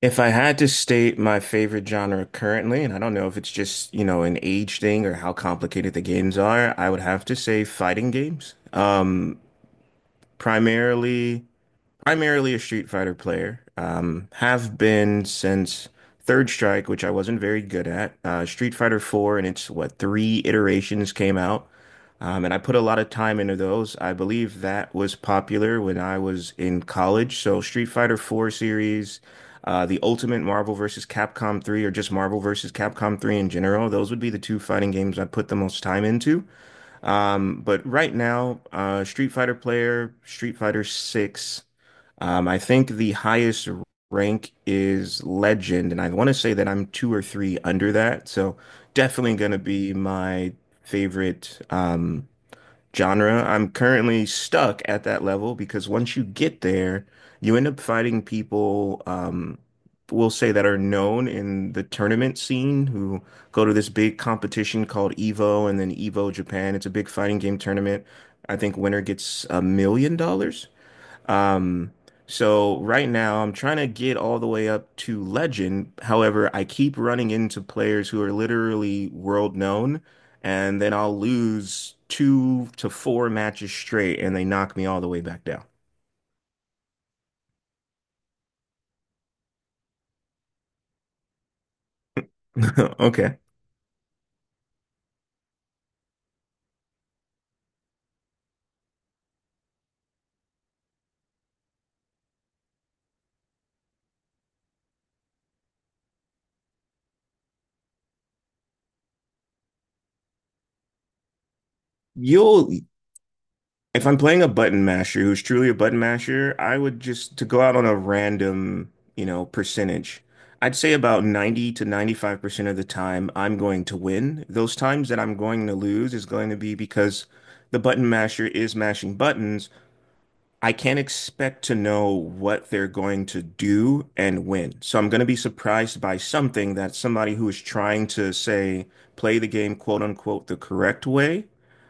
If I had to state my favorite genre currently, and I don't know if it's just, you know, an age thing or how complicated the games are, I would have to say fighting games. Primarily. Primarily a Street Fighter player. Have been since Third Strike, which I wasn't very good at. Street Fighter 4 and its what three iterations came out. And I put a lot of time into those. I believe that was popular when I was in college. So Street Fighter 4 series, the Ultimate Marvel vs. Capcom 3, or just Marvel vs. Capcom 3 in general, those would be the two fighting games I put the most time into. But right now, Street Fighter player, Street Fighter 6. I think the highest rank is legend, and I want to say that I'm two or three under that. So definitely gonna be my favorite genre. I'm currently stuck at that level because once you get there, you end up fighting people. We'll say that are known in the tournament scene who go to this big competition called EVO and then EVO Japan. It's a big fighting game tournament. I think winner gets $1 million. Um, so right now I'm trying to get all the way up to legend. However, I keep running into players who are literally world known, and then I'll lose two to four matches straight, and they knock me all the way back down. Okay. You'll If I'm playing a button masher who's truly a button masher, I would just to go out on a random, you know, percentage. I'd say about 90 to 95% of the time I'm going to win. Those times that I'm going to lose is going to be because the button masher is mashing buttons. I can't expect to know what they're going to do and when. So I'm going to be surprised by something that somebody who is trying to say, play the game, quote unquote, the correct way,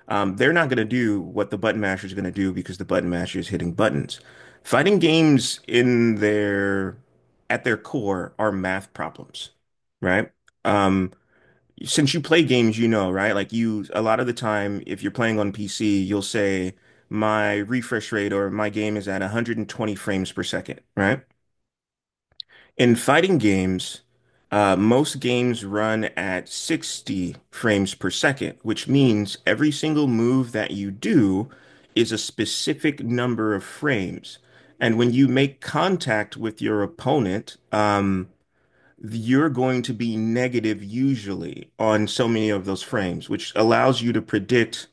they're not going to do what the button masher is going to do because the button masher is hitting buttons. Fighting games in their at their core are math problems, right? Um, since you play games, you know, right? Like you, a lot of the time, if you're playing on PC, you'll say my refresh rate or my game is at 120 frames per second, right? In fighting games, most games run at 60 frames per second, which means every single move that you do is a specific number of frames. And when you make contact with your opponent, you're going to be negative usually on so many of those frames, which allows you to predict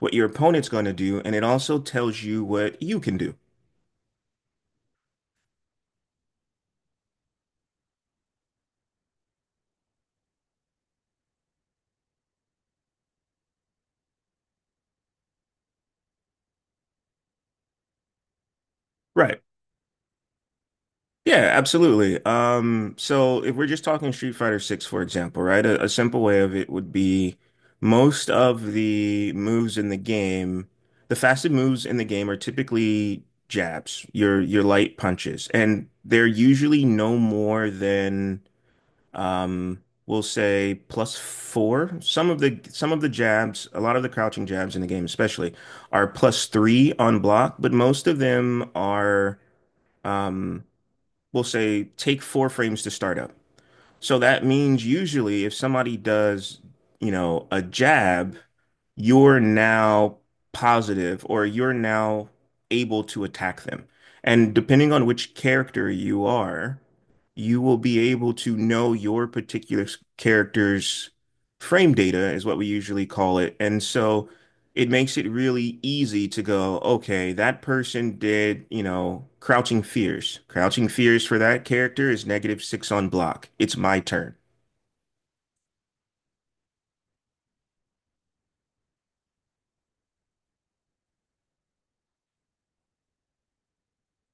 what your opponent's going to do, and it also tells you what you can do. Right. Yeah, absolutely. So if we're just talking Street Fighter 6, for example, right? A simple way of it would be most of the moves in the game, the fastest moves in the game are typically jabs, your light punches, and they're usually no more than we'll say plus four. Some of the jabs, a lot of the crouching jabs in the game, especially, are plus three on block, but most of them are, um, we'll say, take four frames to start up. So that means usually if somebody does, you know, a jab, you're now positive or you're now able to attack them. And depending on which character you are, you will be able to know your particular character's frame data, is what we usually call it. And so it makes it really easy to go, okay, that person did, you know, Crouching Fears. Crouching Fears for that character is negative six on block. It's my turn.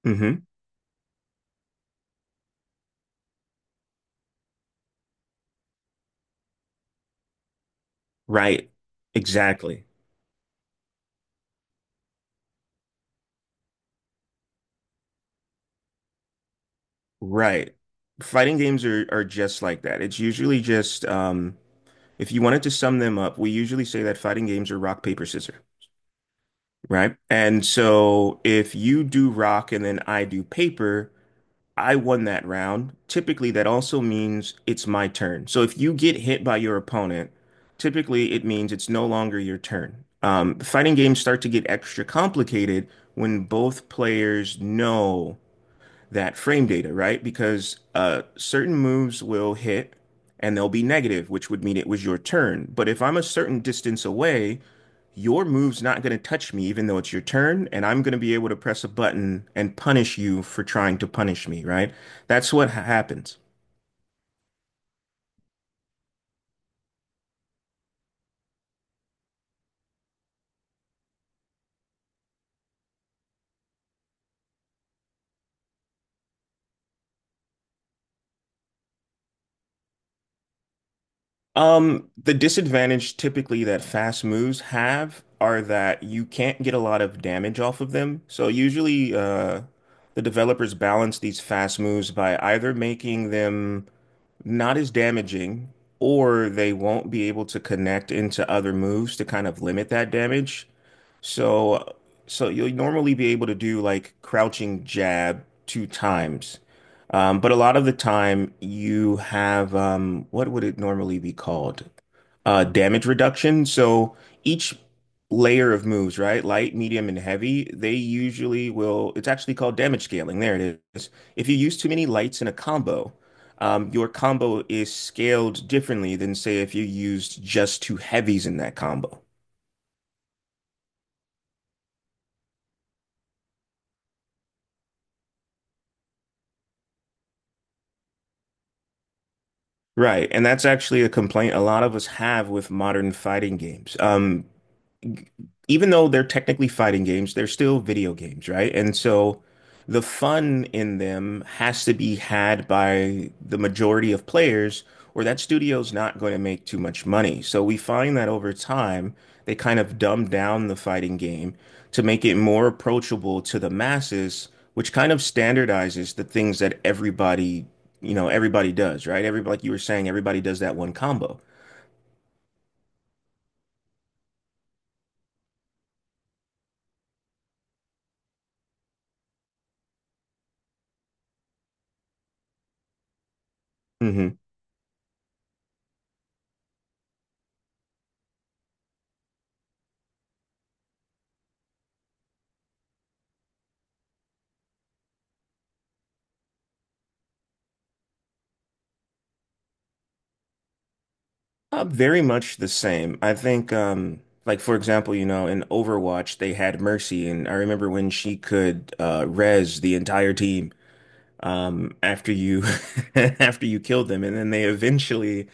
Hmm. Right. Exactly. Right. Fighting games are just like that. It's usually just, if you wanted to sum them up, we usually say that fighting games are rock, paper, scissors. Right. And so if you do rock and then I do paper, I won that round. Typically, that also means it's my turn. So if you get hit by your opponent, typically it means it's no longer your turn. Fighting games start to get extra complicated when both players know that frame data, right? Because certain moves will hit and they'll be negative, which would mean it was your turn. But if I'm a certain distance away, your move's not going to touch me, even though it's your turn, and I'm going to be able to press a button and punish you for trying to punish me, right? That's what happens. The disadvantage typically that fast moves have are that you can't get a lot of damage off of them. So usually, the developers balance these fast moves by either making them not as damaging, or they won't be able to connect into other moves to kind of limit that damage. So, so you'll normally be able to do like crouching jab two times. But a lot of the time you have, what would it normally be called? Damage reduction. So each layer of moves, right? Light, medium, and heavy, they usually will, it's actually called damage scaling. There it is. If you use too many lights in a combo, your combo is scaled differently than say if you used just two heavies in that combo. Right, and that's actually a complaint a lot of us have with modern fighting games. Even though they're technically fighting games, they're still video games, right? And so the fun in them has to be had by the majority of players, or that studio's not going to make too much money. So we find that over time, they kind of dumb down the fighting game to make it more approachable to the masses, which kind of standardizes the things that everybody, you know, everybody does, right? Everybody, like you were saying, everybody does that one combo. Hmm. Very much the same. I think, like for example, you know, in Overwatch they had Mercy, and I remember when she could res the entire team after you after you killed them, and then they eventually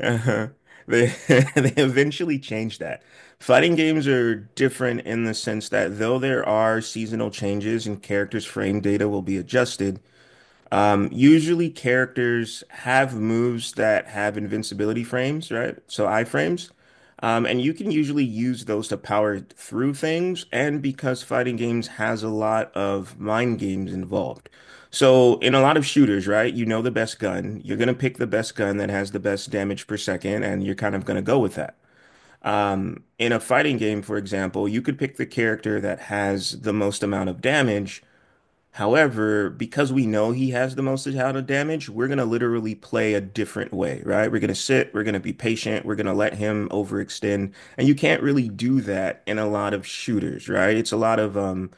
uh, they they eventually changed that. Fighting games are different in the sense that though there are seasonal changes and characters' frame data will be adjusted, usually characters have moves that have invincibility frames, right? So iframes. And you can usually use those to power through things, and because fighting games has a lot of mind games involved. So in a lot of shooters, right, you know the best gun, you're gonna pick the best gun that has the best damage per second, and you're kind of gonna go with that. In a fighting game, for example, you could pick the character that has the most amount of damage. However, because we know he has the most amount of damage, we're going to literally play a different way, right? We're going to sit, we're going to be patient, we're going to let him overextend. And you can't really do that in a lot of shooters, right? It's a lot of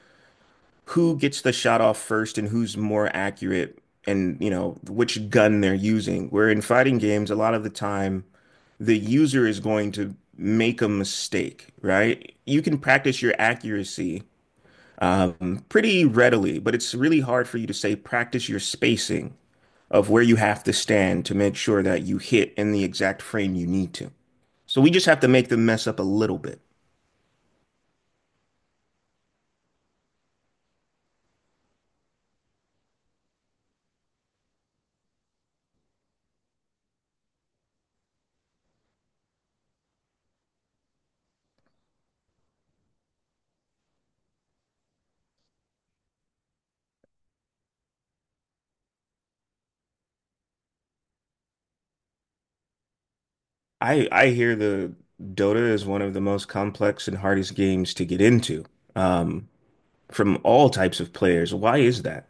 who gets the shot off first and who's more accurate and, you know, which gun they're using. Where in fighting games, a lot of the time, the user is going to make a mistake, right? You can practice your accuracy pretty readily, but it's really hard for you to say practice your spacing of where you have to stand to make sure that you hit in the exact frame you need to. So we just have to make them mess up a little bit. I hear the Dota is one of the most complex and hardest games to get into um, from all types of players. Why is that?